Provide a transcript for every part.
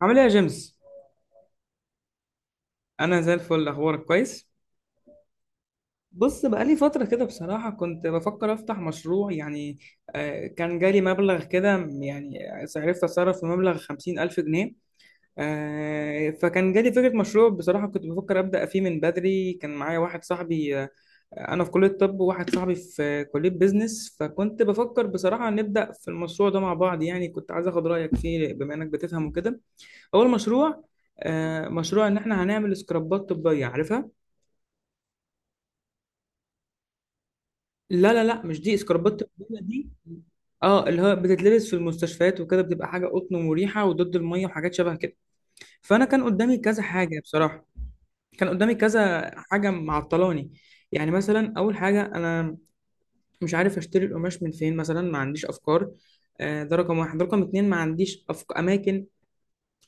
عامل ايه يا جيمس؟ انا زي الفل، اخبارك كويس؟ بص، بقالي فتره كده بصراحه كنت بفكر افتح مشروع، يعني كان جالي مبلغ كده، يعني عرفت اتصرف في مبلغ 50,000 جنيه. فكان جالي فكره مشروع. بصراحه كنت بفكر ابدا فيه من بدري. كان معايا واحد صاحبي، انا في كليه طب وواحد صاحبي في كليه بيزنس، فكنت بفكر بصراحه نبدا في المشروع ده مع بعض، يعني كنت عايز اخد رايك فيه بما انك بتفهم وكده. اول مشروع. مشروع ان احنا هنعمل سكرابات طبيه، عارفها؟ لا لا لا، مش دي. اسكربات البدله دي، اه اللي هو بتتلبس في المستشفيات وكده، بتبقى حاجه قطن ومريحه وضد الميه وحاجات شبه كده. فانا كان قدامي كذا حاجه بصراحه. كان قدامي كذا حاجه معطلاني. يعني مثلا، اول حاجه، انا مش عارف اشتري القماش من فين مثلا، ما عنديش افكار. ده رقم واحد. ده رقم اتنين، ما عنديش اماكن.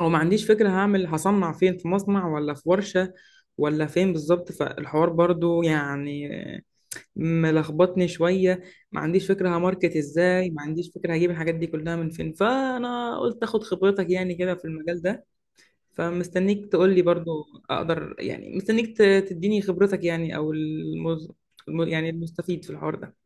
او ما عنديش فكره هعمل هصنع فين، في مصنع ولا في ورشه ولا فين بالظبط. فالحوار برضو يعني ملخبطني شوية. ما عنديش فكرة هماركت ازاي، ما عنديش فكرة هجيب الحاجات دي كلها من فين. فأنا قلت اخد خبرتك يعني كده في المجال ده. فمستنيك تقول لي برضو. اقدر يعني، تديني خبرتك يعني، يعني المستفيد في الحوار ده.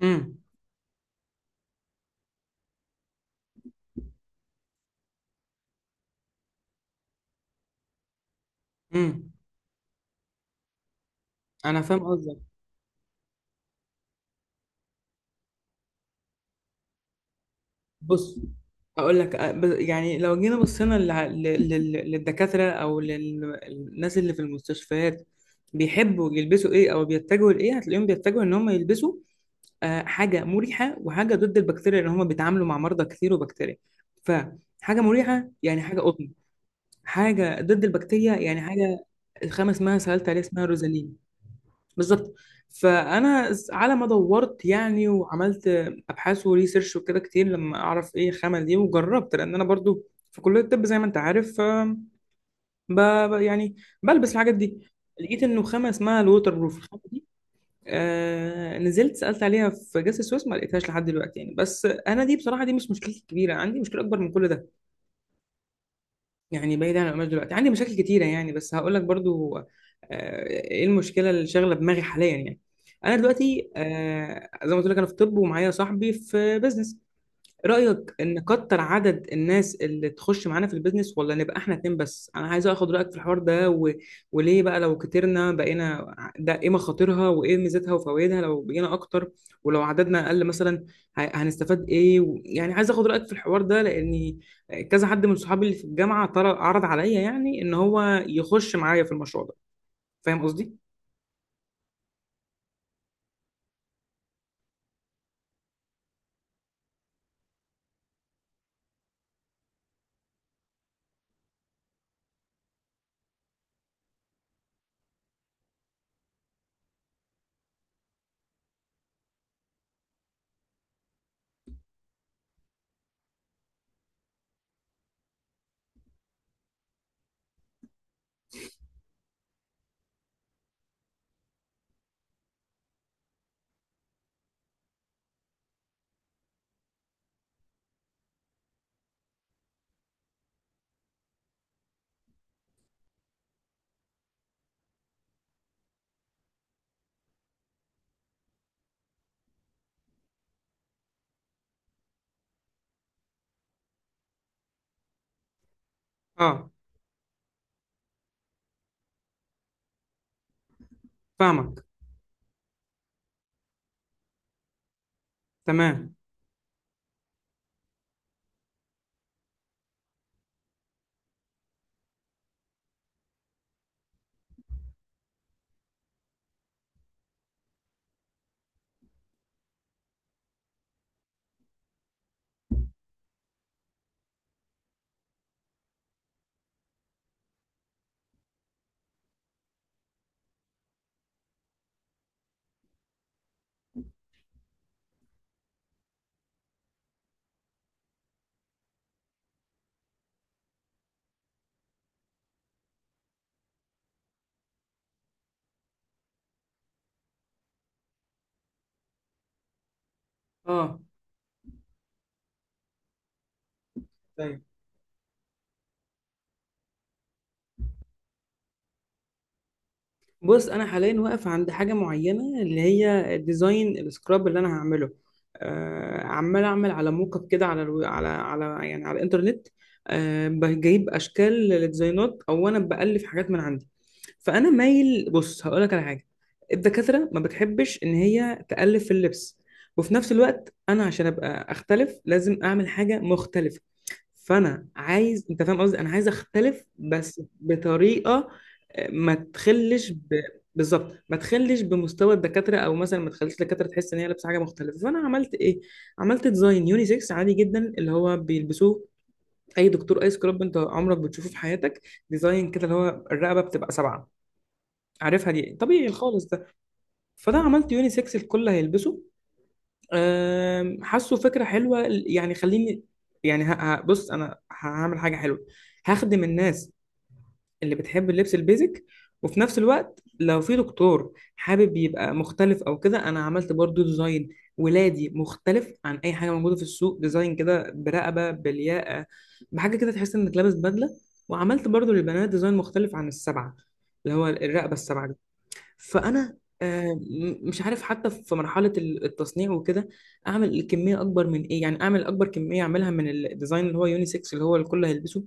امم. امم. انا فاهم قصدك. بص، هقول لك يعني لو جينا بصينا للدكاترة او للناس اللي في المستشفيات، بيحبوا يلبسوا ايه او بيتجهوا لايه؟ هتلاقيهم بيتجهوا ان هم يلبسوا حاجه مريحه وحاجه ضد البكتيريا، اللي هم بيتعاملوا مع مرضى كتير وبكتيريا. فحاجه مريحه يعني حاجه قطن. حاجه ضد البكتيريا يعني حاجه، الخامه اسمها، سالت عليها، اسمها روزالين. بالظبط. على ما دورت يعني، وعملت ابحاث وريسيرش وكده كتير لما اعرف ايه الخامه دي، وجربت لان انا برضو في كليه الطب زي ما انت عارف ب يعني بلبس الحاجات دي. لقيت انه خامه اسمها الووتر بروف. آه، نزلت سألت عليها في جسر السويس، ما لقيتهاش لحد دلوقتي يعني. بس انا دي بصراحة، دي مش مشكلتي الكبيرة. عندي مشكلة اكبر من كل ده. يعني بعيد عن القماش دلوقتي، عندي مشاكل كتيرة يعني. بس هقول لك برضو، آه، ايه المشكلة اللي شاغلة دماغي حاليا يعني. انا دلوقتي، آه، زي ما قلت لك، انا في طب ومعايا صاحبي في بزنس. رأيك نكتر عدد الناس اللي تخش معانا في البيزنس، ولا نبقى احنا اتنين بس؟ انا عايز اخد رأيك في الحوار ده، وليه بقى لو كترنا، ده ايه مخاطرها وايه ميزتها وفوائدها لو بقينا اكتر، ولو عددنا اقل مثلا. هنستفاد ايه يعني عايز اخد رأيك في الحوار ده، لاني كذا حد من صحابي اللي في الجامعة عرض عليا يعني ان هو يخش معايا في المشروع ده. فاهم قصدي؟ اه، فاهمك. تمام. اه، بص، انا حاليا واقف عند حاجه معينه، اللي هي ديزاين السكراب اللي انا هعمله. آه، عمال اعمل على موك اب كده على يعني على الانترنت. آه، جايب اشكال للديزاينات، او انا بألف حاجات من عندي. فانا مايل، بص هقول لك على حاجه. الدكاتره ما بتحبش ان هي تالف في اللبس، وفي نفس الوقت انا عشان ابقى اختلف لازم اعمل حاجه مختلفه. فانا عايز، انت فاهم قصدي، انا عايز اختلف بس بطريقه آه، ما تخلش ب... بالظبط. ما تخلش بمستوى الدكاتره، او مثلا ما تخليش الدكاتره تحس ان هي لابسه حاجه مختلفه. فانا عملت ايه؟ عملت ديزاين يونيسكس عادي جدا، اللي هو بيلبسوه اي دكتور، اي سكراب انت عمرك بتشوفه في حياتك. ديزاين كده اللي هو الرقبه بتبقى سبعه، عارفها دي؟ طبيعي خالص ده. فانا عملت يونيسكس، الكل هيلبسه. حاسه فكره حلوه يعني. خليني يعني، بص، انا هعمل حاجه حلوه، هخدم الناس اللي بتحب اللبس البيزك. وفي نفس الوقت لو في دكتور حابب يبقى مختلف او كده، انا عملت برضو ديزاين ولادي مختلف عن اي حاجه موجوده في السوق. ديزاين كده برقبه بالياقه، بحاجه كده تحس انك لابس بدله. وعملت برضو للبنات ديزاين مختلف عن السبعه، اللي هو الرقبه السبعه. فانا مش عارف حتى في مرحله التصنيع وكده اعمل كميه اكبر من ايه. يعني اعمل اكبر كميه اعملها من الديزاين اللي هو يونيسكس اللي هو الكل هيلبسه،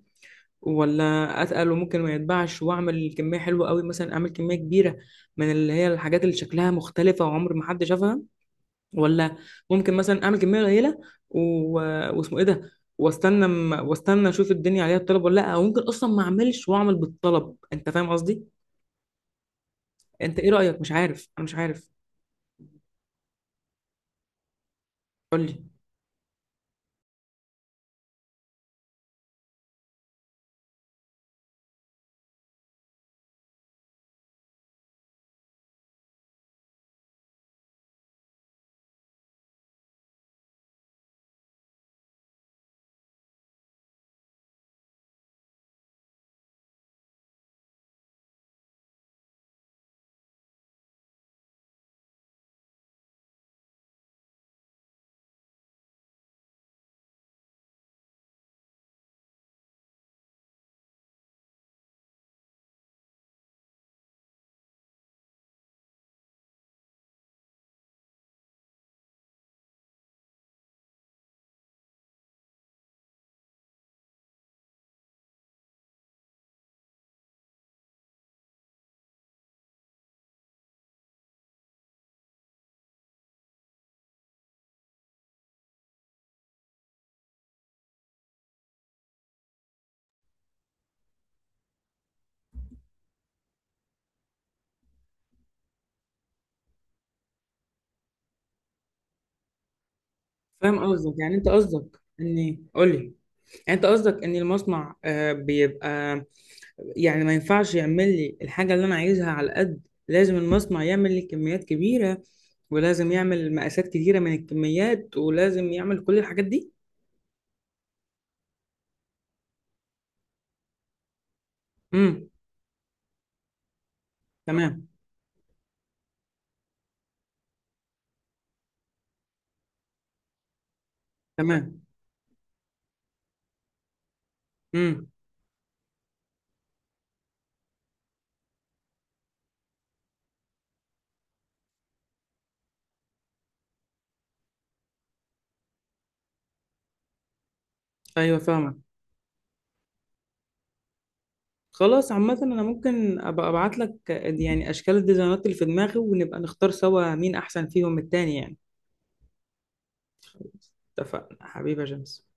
ولا اتقل وممكن ما يتباعش، واعمل كميه حلوه قوي مثلا، اعمل كميه كبيره من اللي هي الحاجات اللي شكلها مختلفه وعمر ما حد شافها، ولا ممكن مثلا اعمل كميه قليله و... واسمه ايه ده، واستنى اشوف الدنيا عليها الطلب ولا لا. او ممكن اصلا ما اعملش واعمل بالطلب. انت فاهم قصدي؟ انت ايه رايك؟ مش عارف، انا مش عارف. قول لي. فاهم قصدك. يعني انت قصدك اني قول لي، يعني انت قصدك ان المصنع بيبقى يعني ما ينفعش يعمل لي الحاجه اللي انا عايزها على قد، لازم المصنع يعمل لي كميات كبيره، ولازم يعمل مقاسات كتيره من الكميات، ولازم يعمل كل الحاجات دي. امم. تمام. تمام. امم. ايوه، فاهمك. خلاص، عامه انا ممكن ابقى ابعت لك يعني اشكال الديزاينات اللي في دماغي، ونبقى نختار سوا مين احسن فيهم التاني يعني. خلاص، اتفقنا حبيبي يا جيمس.